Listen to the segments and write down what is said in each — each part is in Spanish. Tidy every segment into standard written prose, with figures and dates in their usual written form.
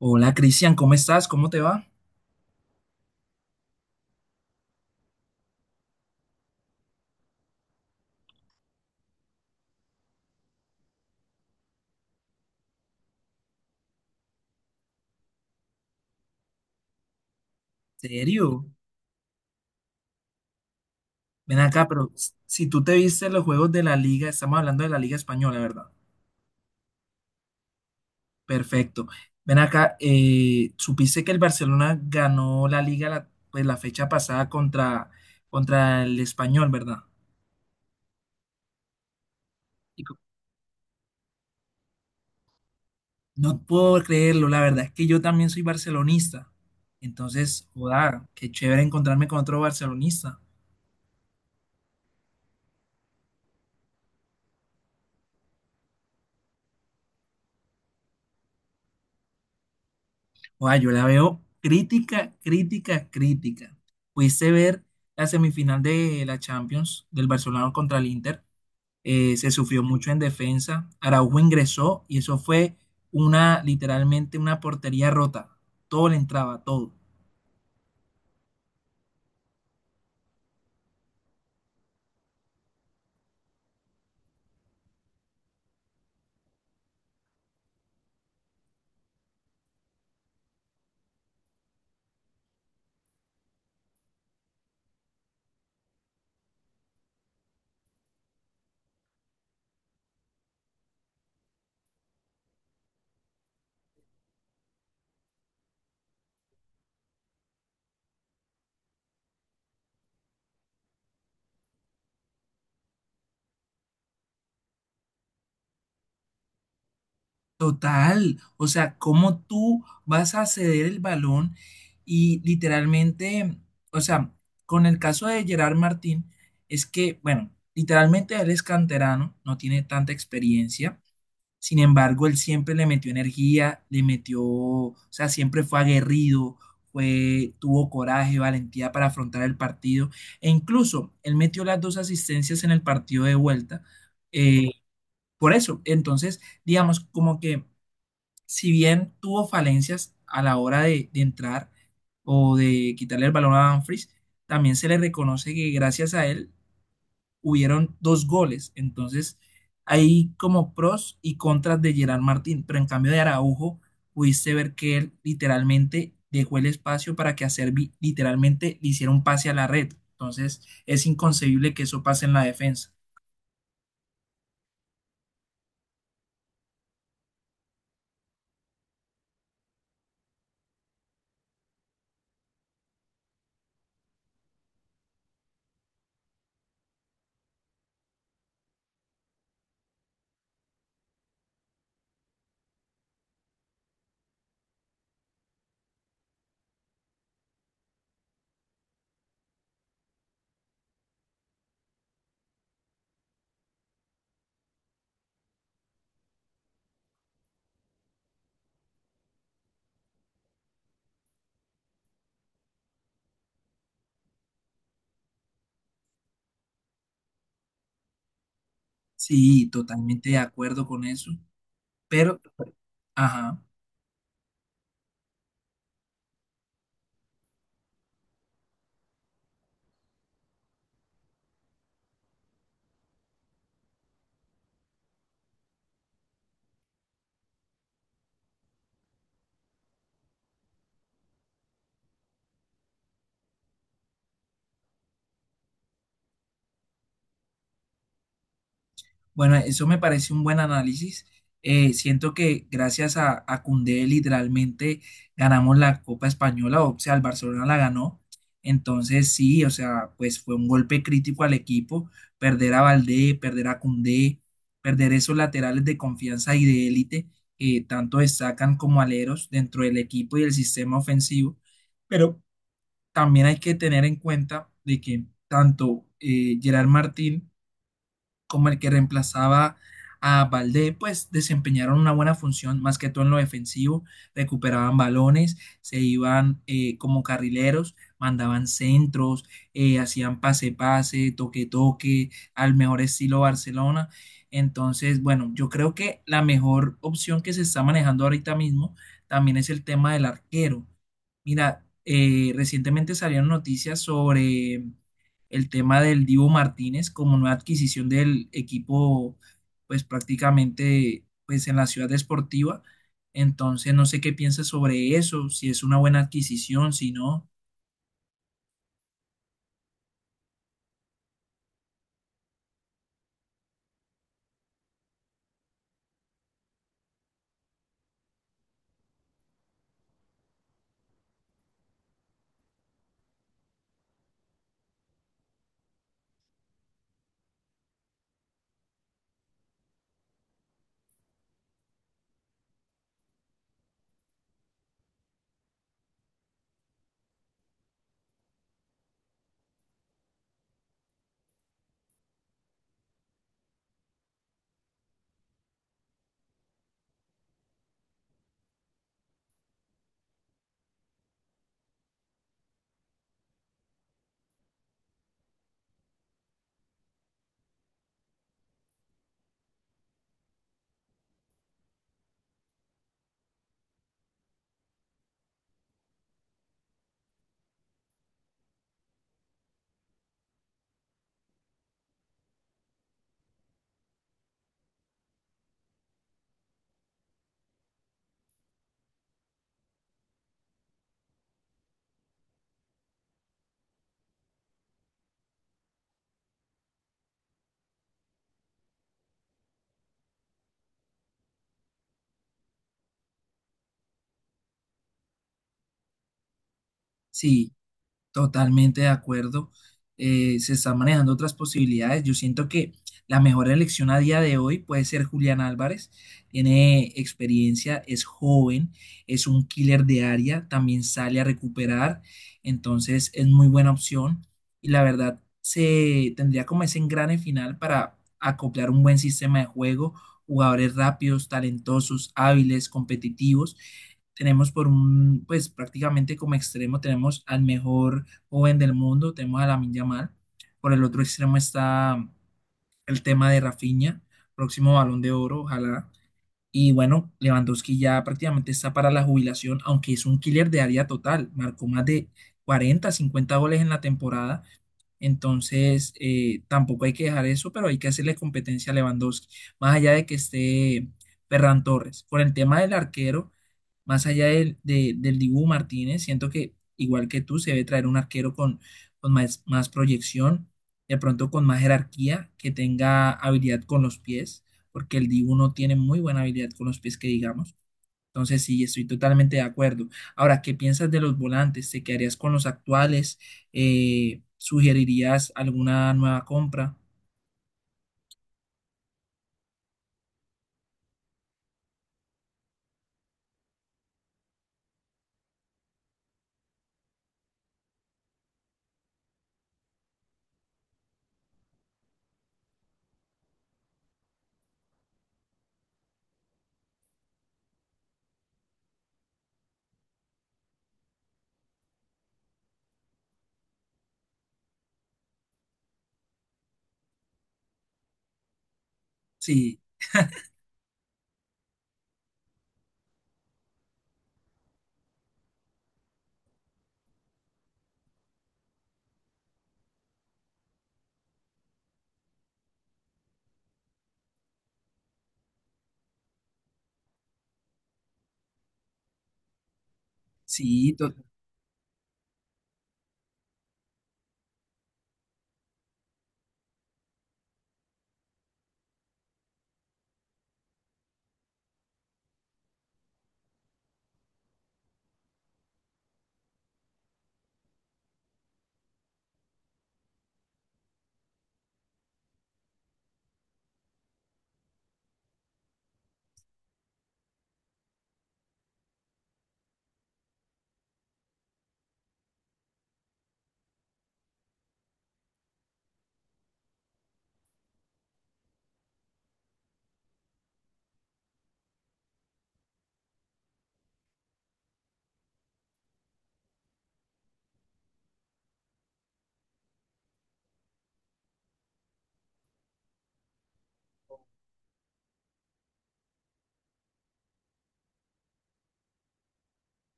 Hola Cristian, ¿cómo estás? ¿Cómo te va? ¿Serio? Ven acá, pero si tú te viste los juegos de la liga, estamos hablando de la liga española, ¿verdad? Perfecto. Ven acá, ¿supiste que el Barcelona ganó la liga la fecha pasada contra el Español, ¿verdad? Y co- No puedo creerlo, la verdad es que yo también soy barcelonista. Entonces, joder, qué chévere encontrarme con otro barcelonista. Guau, yo la veo crítica, crítica, crítica. Pudiste ver la semifinal de la Champions del Barcelona contra el Inter. Se sufrió mucho en defensa. Araujo ingresó y eso fue una, literalmente una portería rota. Todo le entraba, todo. Total. O sea, ¿cómo tú vas a ceder el balón y literalmente, o sea, con el caso de Gerard Martín, es que, bueno, literalmente él es canterano, no tiene tanta experiencia. Sin embargo, él siempre le metió energía, le metió, o sea, siempre fue aguerrido, fue, tuvo coraje, valentía para afrontar el partido. E incluso él metió las dos asistencias en el partido de vuelta. eh, por eso, entonces, digamos, como que si bien tuvo falencias a la hora de entrar o de quitarle el balón a Dumfries, también se le reconoce que gracias a él hubieron dos goles. Entonces, hay como pros y contras de Gerard Martín, pero en cambio de Araujo, pudiste ver que él literalmente dejó el espacio para que a Servi literalmente le hiciera un pase a la red. Entonces, es inconcebible que eso pase en la defensa. Sí, totalmente de acuerdo con eso, pero, ajá. Bueno, eso me parece un buen análisis. Siento que gracias a Koundé literalmente ganamos la Copa Española, o sea, el Barcelona la ganó. Entonces sí, o sea, pues fue un golpe crítico al equipo, perder a Valdé, perder a Koundé, perder esos laterales de confianza y de élite que tanto destacan como aleros dentro del equipo y del sistema ofensivo. Pero también hay que tener en cuenta de que tanto Gerard Martín como el que reemplazaba a Valdé, pues desempeñaron una buena función, más que todo en lo defensivo, recuperaban balones, se iban como carrileros, mandaban centros, hacían pase-pase, toque-toque, al mejor estilo Barcelona. Entonces, bueno, yo creo que la mejor opción que se está manejando ahorita mismo también es el tema del arquero. Mira, recientemente salieron noticias sobre el tema del Divo Martínez como nueva adquisición del equipo, pues prácticamente pues, en la ciudad deportiva. Entonces, no sé qué piensas sobre eso, si es una buena adquisición, si no, si. Totalmente de acuerdo. Se están manejando otras posibilidades. Yo siento que la mejor elección a día de hoy puede ser Julián Álvarez. Tiene experiencia, es joven, es un killer de área, también sale a recuperar. Entonces es muy buena opción. Y la verdad, se tendría como ese engrane final para acoplar un buen sistema de juego, jugadores rápidos, talentosos, hábiles, competitivos. Tenemos por un, pues prácticamente como extremo, tenemos al mejor joven del mundo, tenemos a Lamine Yamal. Por el otro extremo está el tema de Rafinha, próximo Balón de Oro, ojalá. Y bueno, Lewandowski ya prácticamente está para la jubilación, aunque es un killer de área total, marcó más de 40, 50 goles en la temporada. Entonces, tampoco hay que dejar eso, pero hay que hacerle competencia a Lewandowski, más allá de que esté Ferran Torres. Por el tema del arquero, más allá del Dibu Martínez, siento que igual que tú, se debe traer un arquero con más, más proyección, de pronto con más jerarquía, que tenga habilidad con los pies, porque el Dibu no tiene muy buena habilidad con los pies, que digamos. Entonces, sí, estoy totalmente de acuerdo. Ahora, ¿qué piensas de los volantes? ¿Te quedarías con los actuales? ¿Sugerirías alguna nueva compra? Sí, sí, to-.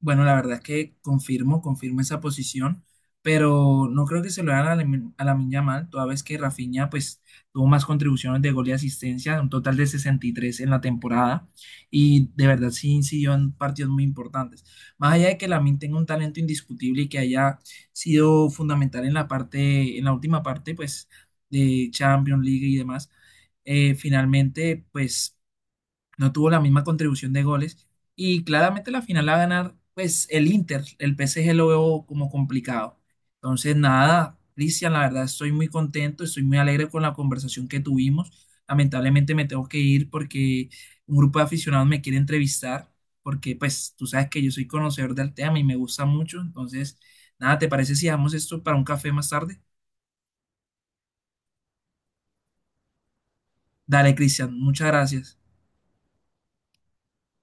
Bueno, la verdad es que confirmo, confirmo esa posición, pero no creo que se lo hagan a a Lamine Yamal, toda vez que Rafinha pues tuvo más contribuciones de gol y asistencia, un total de 63 en la temporada, y de verdad sí incidió en partidos muy importantes. Más allá de que Lamine tenga un talento indiscutible y que haya sido fundamental en la parte, en la última parte pues de Champions League y demás, finalmente pues no tuvo la misma contribución de goles y claramente la final la va a ganar pues el Inter, el PSG lo veo como complicado. Entonces nada, Cristian, la verdad estoy muy contento, estoy muy alegre con la conversación que tuvimos. Lamentablemente me tengo que ir porque un grupo de aficionados me quiere entrevistar porque pues tú sabes que yo soy conocedor del tema y me gusta mucho. Entonces nada, ¿te parece si dejamos esto para un café más tarde? Dale, Cristian, muchas gracias.